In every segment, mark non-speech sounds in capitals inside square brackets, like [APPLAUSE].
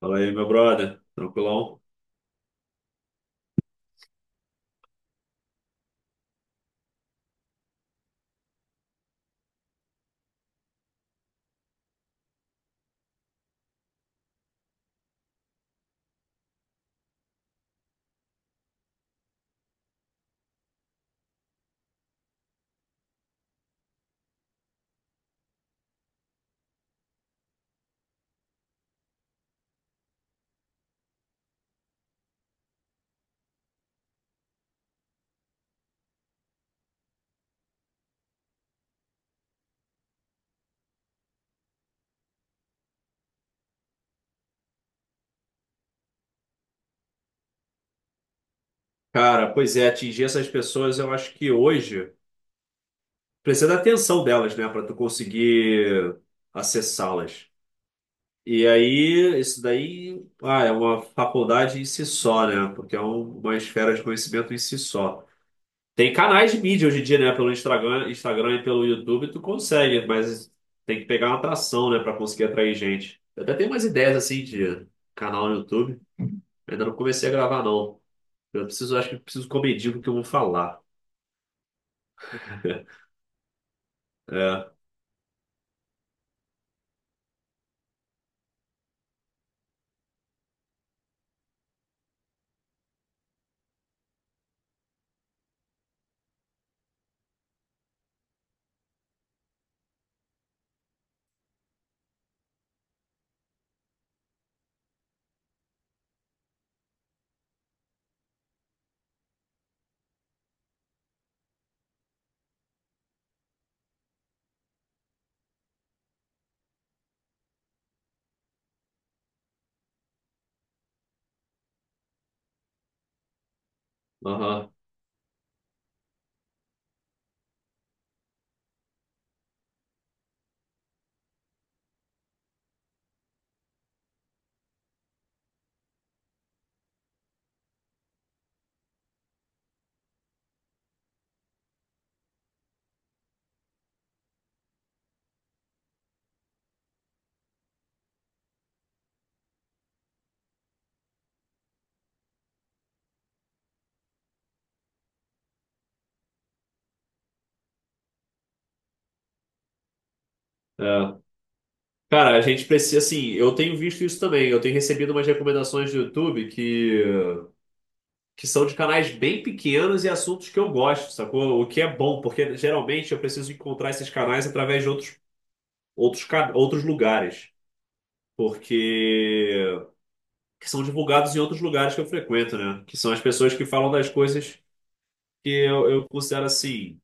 Fala aí, meu brother. Tranquilão? Cara, pois é, atingir essas pessoas, eu acho que hoje precisa da atenção delas, né, para tu conseguir acessá-las. E aí, isso daí, é uma faculdade em si só, né, porque uma esfera de conhecimento em si só. Tem canais de mídia hoje em dia, né, pelo Instagram e pelo YouTube, tu consegue, mas tem que pegar uma atração, né, para conseguir atrair gente. Eu até tenho umas ideias, assim, de canal no YouTube. Ainda não comecei a gravar, não. Acho que eu preciso commedir o que eu vou falar. [LAUGHS] É, aham, é. Cara, a gente precisa, assim, eu tenho visto isso também. Eu tenho recebido umas recomendações do YouTube que são de canais bem pequenos e assuntos que eu gosto, sacou? O que é bom, porque geralmente eu preciso encontrar esses canais através de outros lugares. Porque que são divulgados em outros lugares que eu frequento, né? Que são as pessoas que falam das coisas que eu considero assim,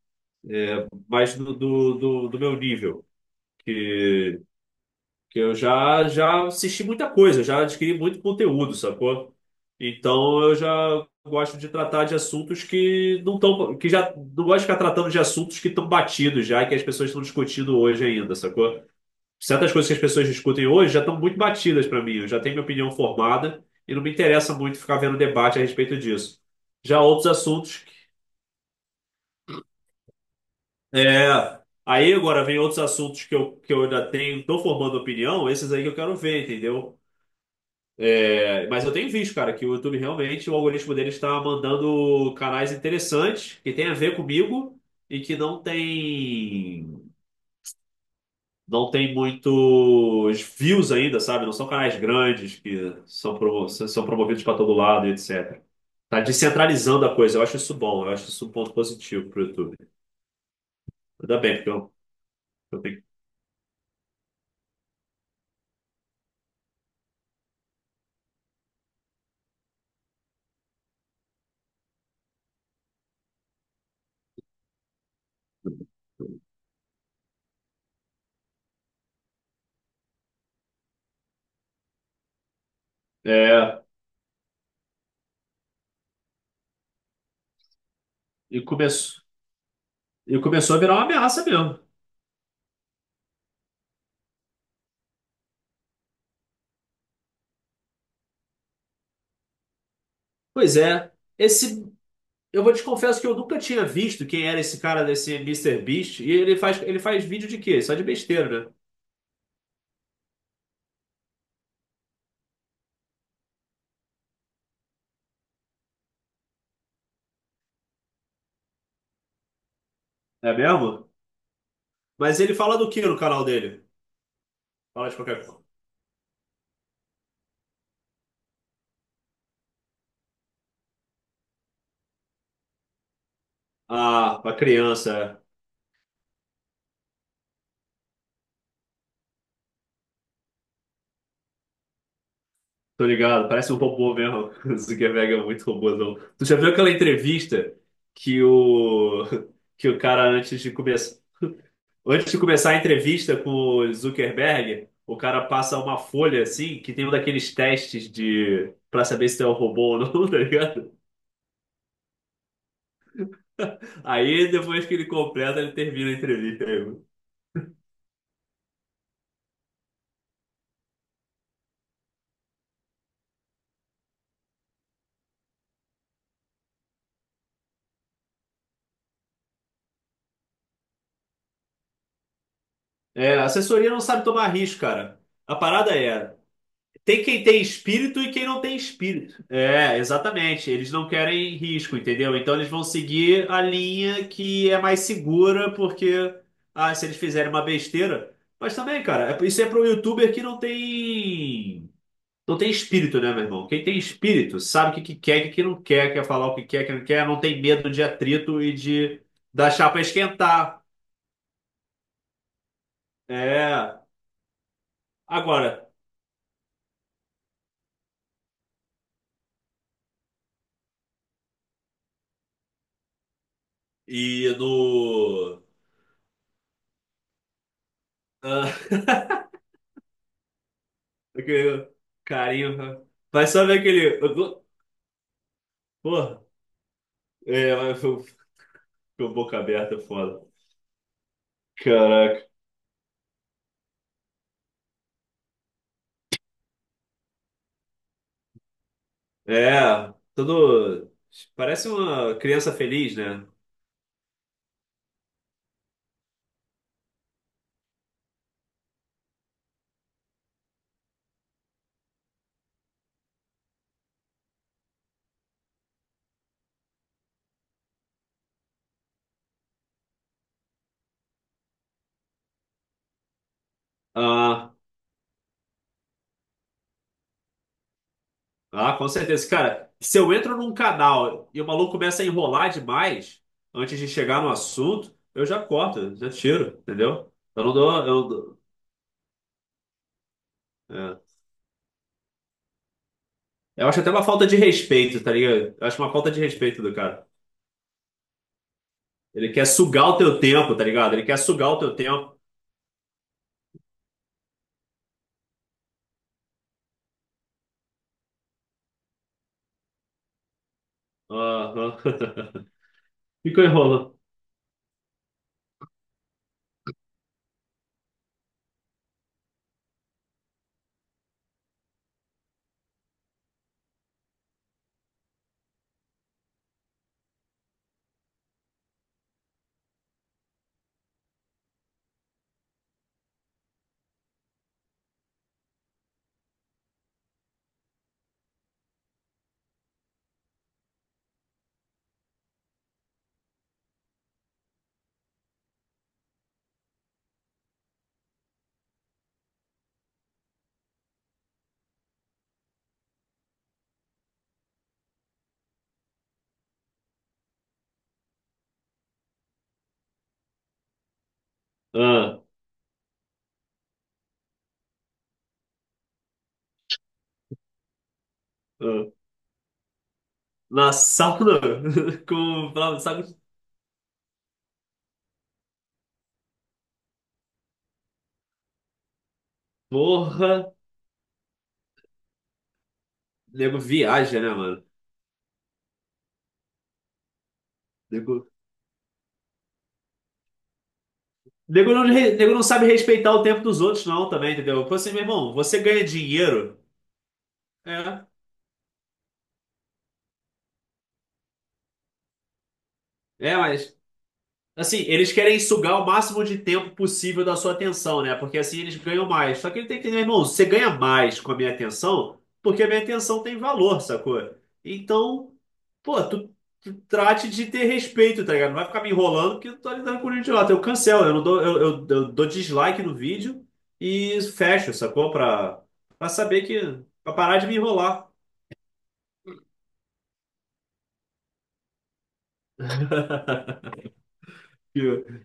mais do meu nível. Que Que eu já assisti muita coisa, já adquiri muito conteúdo, sacou? Então eu já gosto de tratar de assuntos que não estão, que já não gosto de ficar tratando de assuntos que estão batidos já, e que as pessoas estão discutindo hoje ainda, sacou? Certas coisas que as pessoas discutem hoje já estão muito batidas para mim, eu já tenho minha opinião formada e não me interessa muito ficar vendo debate a respeito disso. Já outros assuntos, que- é, aí agora vem outros assuntos que que eu ainda tenho, estou formando opinião, esses aí que eu quero ver, entendeu? É, mas eu tenho visto, cara, que o YouTube realmente, o algoritmo dele está mandando canais interessantes que tem a ver comigo e que não tem muitos views ainda, sabe? Não são canais grandes que são, são promovidos para todo lado, e etc. Tá descentralizando a coisa. Eu acho isso bom. Eu acho isso um ponto positivo pro YouTube. Ainda bem, porque eu tenho. É, e começou, e começou a virar uma ameaça mesmo. Pois é. Esse Eu vou te confesso que eu nunca tinha visto quem era esse cara desse Mister Beast. E ele faz vídeo de quê? Só de besteira, né? É mesmo? Mas ele fala do que no canal dele? Fala de qualquer coisa. Ah, pra criança. Tô ligado. Parece um robô mesmo. [LAUGHS] O Zuckerberg é muito robôzão. Tu já viu aquela entrevista que o, [LAUGHS] que o cara, antes de começar a entrevista com o Zuckerberg, o cara passa uma folha assim, que tem um daqueles testes de, pra saber se tu é um robô ou não, [LAUGHS] tá ligado? Aí depois que ele completa, ele termina a entrevista. Aí, mano. É, a assessoria não sabe tomar risco, cara. A parada é, tem quem tem espírito e quem não tem espírito. É, exatamente. Eles não querem risco, entendeu? Então eles vão seguir a linha que é mais segura, porque ah, se eles fizerem uma besteira. Mas também, cara, isso é para um youtuber que Não tem espírito, né, meu irmão? Quem tem espírito sabe o que que quer, o que que não quer, quer falar o que quer, o que não quer, não tem medo de atrito e de da chapa esquentar. É. Agora, e no. Ah, [LAUGHS] aquele carinho. Vai só ver aquele. Porra. É, mas foi- ficou boca aberta, é foda. Caraca. É, tudo. Parece uma criança feliz, né? Ah, Ah, com certeza. Cara, se eu entro num canal e o maluco começa a enrolar demais antes de chegar no assunto, eu já corto, já tiro, entendeu? Eu não dou. É. Eu acho até uma falta de respeito, tá ligado? Eu acho uma falta de respeito do cara. Ele quer sugar o teu tempo, tá ligado? Ele quer sugar o teu tempo. Aham. [LAUGHS] Ficou enrolando. Ah, ah. Na sauna. [LAUGHS] Com o saco. Porra. Nego viaja, né, mano? Nego não sabe respeitar o tempo dos outros, não, também, entendeu? Pô, assim, meu irmão, você ganha dinheiro. É. É, mas Assim, eles querem sugar o máximo de tempo possível da sua atenção, né? Porque assim eles ganham mais. Só que ele tem que entender, irmão, você ganha mais com a minha atenção, porque a minha atenção tem valor, sacou? Então, pô, tu trate de ter respeito, tá ligado? Não vai ficar me enrolando porque eu tô lidando com o idiota. Eu cancelo, eu não dou, eu dou dislike no vídeo e fecho, sacou? Pra saber que. Pra parar de me enrolar. [LAUGHS]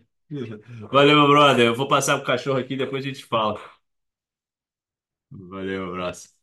Valeu, meu brother. Eu vou passar pro cachorro aqui, depois a gente fala. Valeu, abraço.